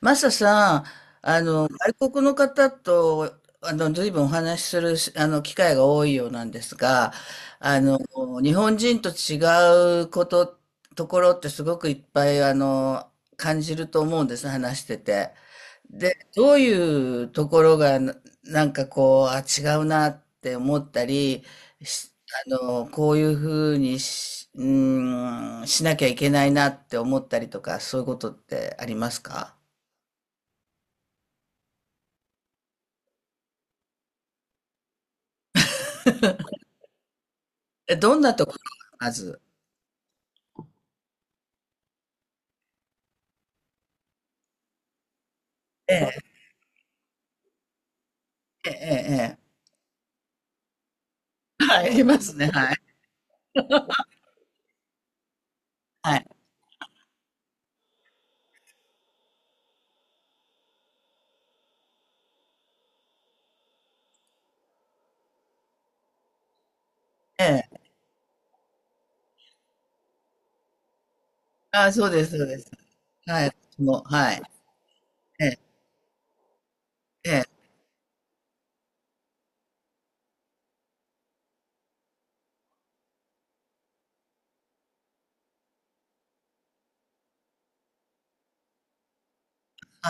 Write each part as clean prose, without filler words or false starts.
マサさん、外国の方と、随分お話しする、機会が多いようなんですが、あの、日本人と違うこと、ところってすごくいっぱい、感じると思うんです、話してて。で、どういうところが、なんかこう、違うなって思ったり、しこういうふうにし、うーん、しなきゃいけないなって思ったりとか、そういうことってありますか？え、どんなところがまず。ええ、ええええ。はい、いますね、はい。はい。ええ。ああ、そうですそうです。はい、私も、はい。ええ、ええ、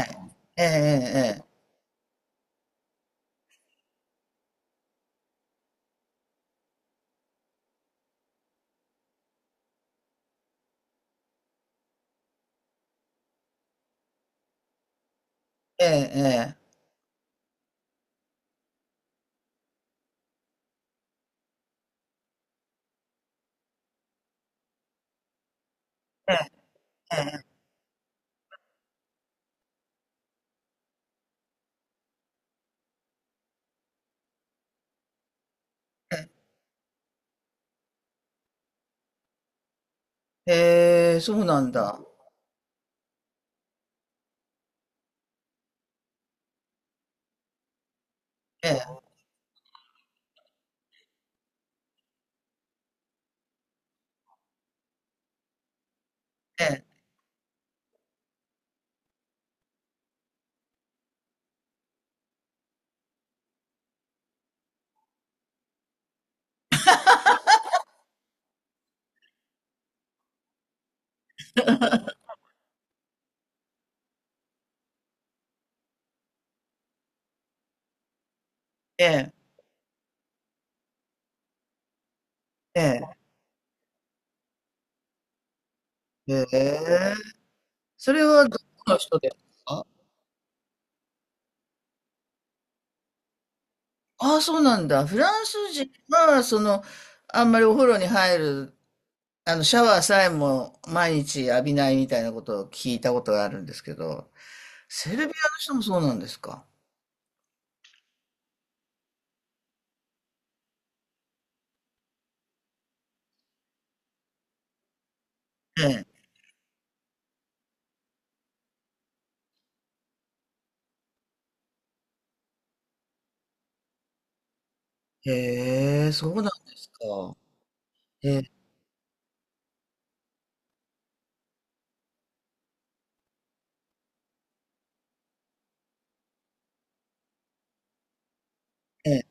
はい。ええええええ。ええええ。ええええ。へえ、そうなんだ。ええ、ええ、ええ、ええ。へえ。それはどこの人ですか？ああ、そうなんだ。フランス人は、あんまりお風呂に入る、シャワーさえも毎日浴びないみたいなことを聞いたことがあるんですけど。セルビアの人もそうなんですか。ええ。へえ、そうなんですか。ええ、ええ、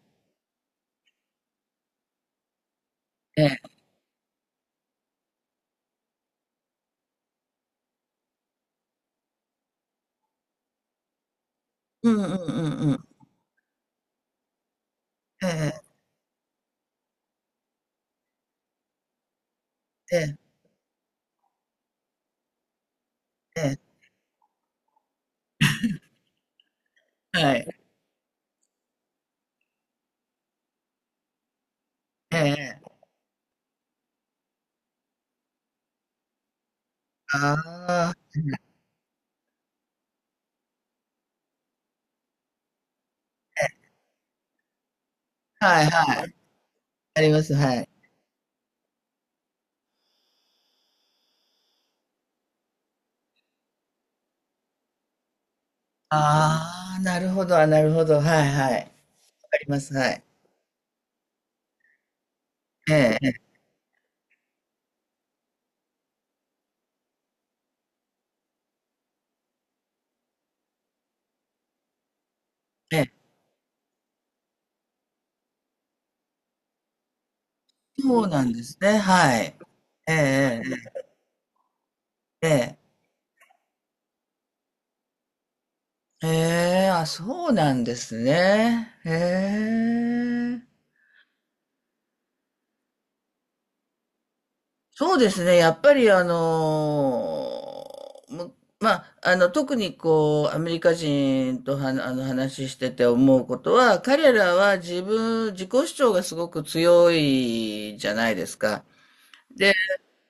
ええ。うんうんうんうん。ええ、ええ、ええ。はい。ええ。ああ、はいはい。あります、はい。ああ、なるほど、なるほど。はいはい。あります、はい。ええ、ええ、ええ。そうなんですね、はい。ええ、ええ、ええ。ええ、そうなんですね。へえ。そうですね。やっぱりあのーむまあ、特にこう、アメリカ人とは、話してて思うことは、彼らは自己主張がすごく強いじゃないですか。で、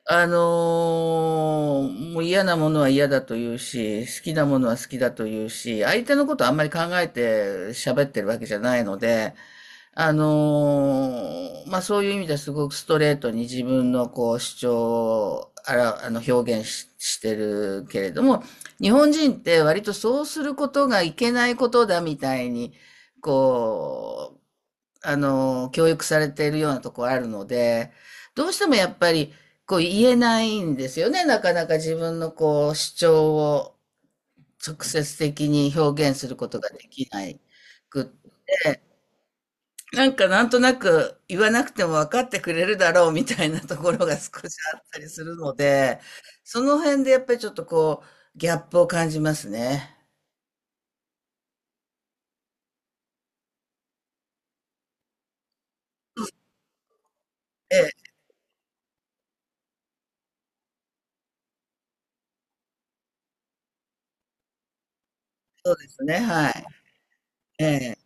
もう嫌なものは嫌だと言うし、好きなものは好きだと言うし、相手のことあんまり考えて喋ってるわけじゃないので、あのまあそういう意味ではすごくストレートに自分のこう主張を表現てるけれども、日本人って割とそうすることがいけないことだみたいに、こう、教育されているようなところあるので、どうしてもやっぱりこう言えないんですよね。なかなか自分のこう主張を直接的に表現することができないくって。なんかなんとなく言わなくても分かってくれるだろうみたいなところが少しあったりするので、その辺でやっぱりちょっとこうギャップを感じますね。ええ、そうですね、はい。ええ。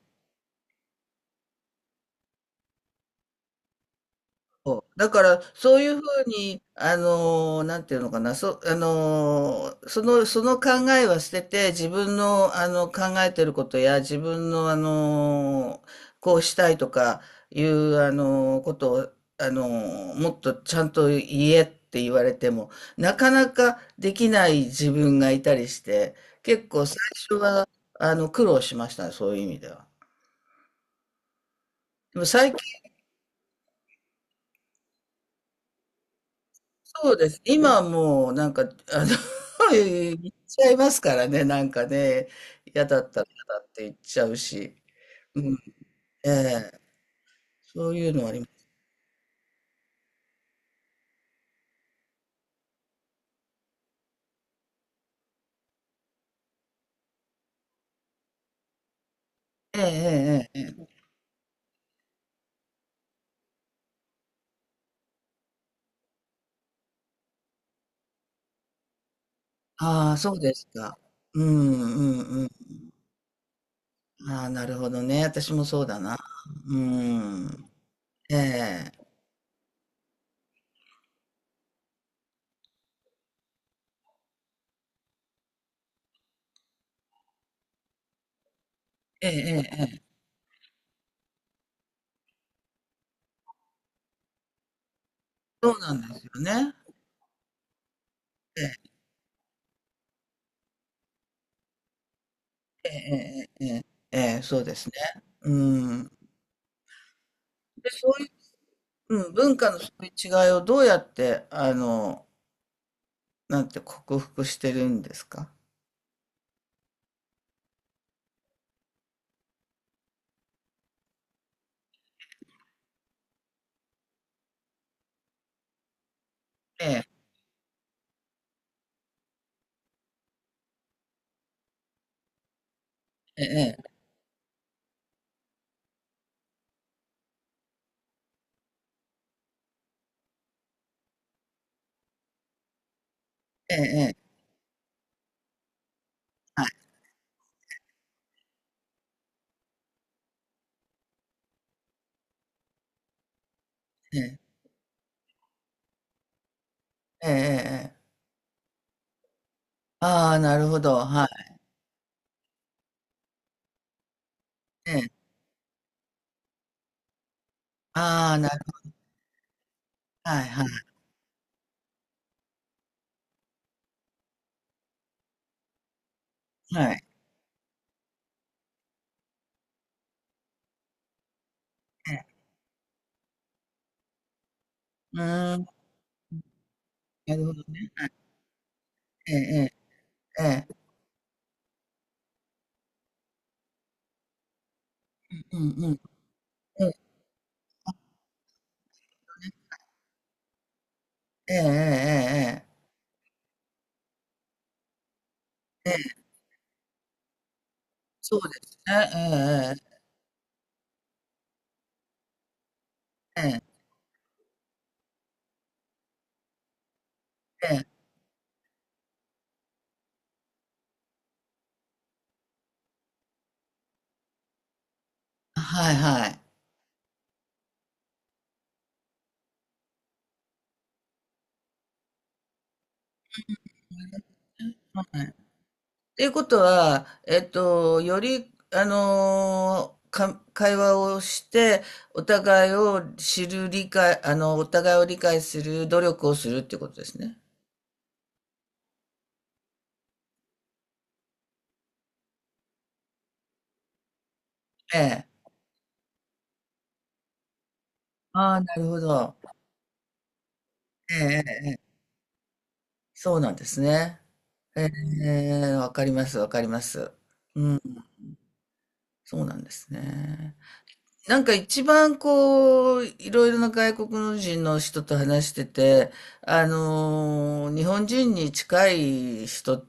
そうだから、そういうふうに、なんていうのかな、そ、あのー、その、その考えは捨てて、自分の、考えてることや、自分の、こうしたいとかいう、ことを、もっとちゃんと言えって言われても、なかなかできない自分がいたりして、結構最初は、苦労しましたね、そういう意味では。でも最近そうです。今はもうなんか、の、言っちゃいますからね、なんかね、嫌だったら嫌だって言っちゃうし、うん、ええ、そういうのはあります。ええ、ええ、ええ。ああ、そうですか。うん、うん、うん。ああ、なるほどね。私もそうだな。うん。ええ、ええ、ええ、ええそうなんですよね。ええ、ええ、ええ、ええ、ええそうですね。うん。で、そういう、うん、文化のそういう違いをどうやって、なんて克服してるんですか？ええ、ええ、ええ、ええ、はい、ええ、ええ、ええ。ああ、なるほど、はい、ええ。ああ、なる、はい、はい、はい、ええ。うーん、なるほど、ええ、ええ、ええ。うんうんうん、ええ、ええええええ。ええ、そうですね、ええええ、ええ、ええ。はいはい。っていうことは、えっと、より、あのーか、会話をして、お互いを理解する努力をするっていうことですね。ええ。ああ、なるほど。ええ、ええ、ええそうなんですね。ええ、わかります、わかります。そうなんですね。なんか一番こう、いろいろな外国人の人と話してて、日本人に近い人、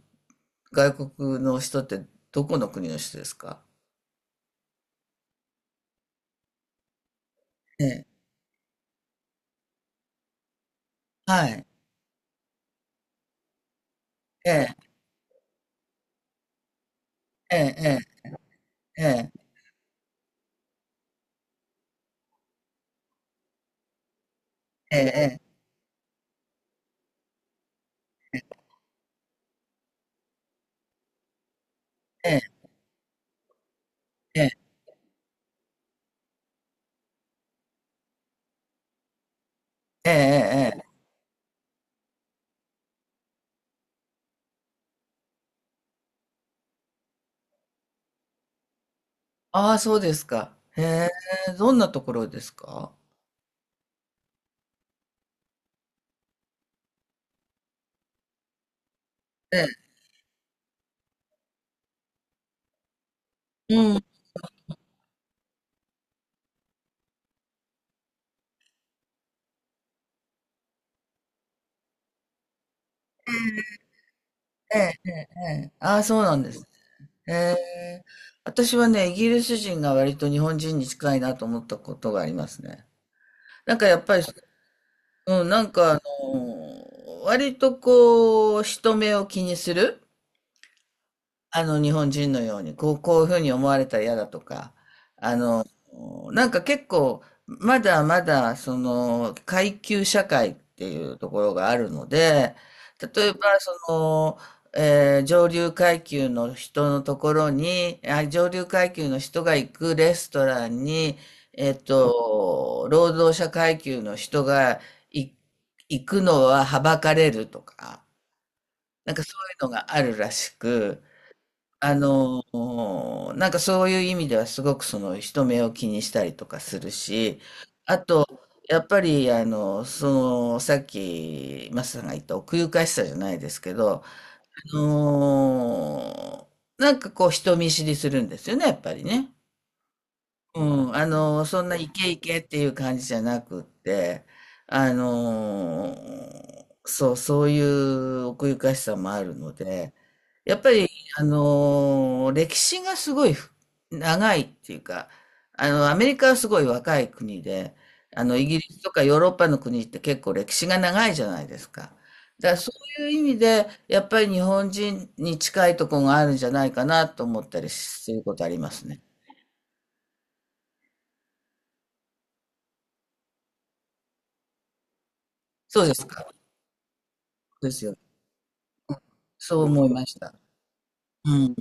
外国の人ってどこの国の人ですか？ええ。はい。ええ、ええ、ええ、ええ、ええ、ええ、ええ、ええ、ええ。ああ、そうですか。へえ、どんなところですか？ええ、うん。ええ、ええ、ええ。ああ、そうなんですね。へえー。私はね、イギリス人が割と日本人に近いなと思ったことがありますね。なんかやっぱり、うん、なんかあの、割とこう、人目を気にする。日本人のように、こう、こういうふうに思われたら嫌だとか、あの、なんか結構、まだまだ、階級社会っていうところがあるので、例えば、上流階級の人のところに、上流階級の人が行くレストランに、えっと、労働者階級の人がい行くのははばかれるとか、なんかそういうのがあるらしく、なんかそういう意味ではすごくその人目を気にしたりとかするし、あとやっぱりそのさっきマスさんが言った奥ゆかしさじゃないですけど、あのなんかこう人見知りするんですよね、やっぱりね。うん、そんなイケイケっていう感じじゃなくって、あの、そういう奥ゆかしさもあるので、やっぱり、歴史がすごい長いっていうか、アメリカはすごい若い国で、イギリスとかヨーロッパの国って結構歴史が長いじゃないですか。だからそういう意味で、やっぱり日本人に近いところがあるんじゃないかなと思ったりすることありますね。そうですか。そうですよね。そう思いました。うん。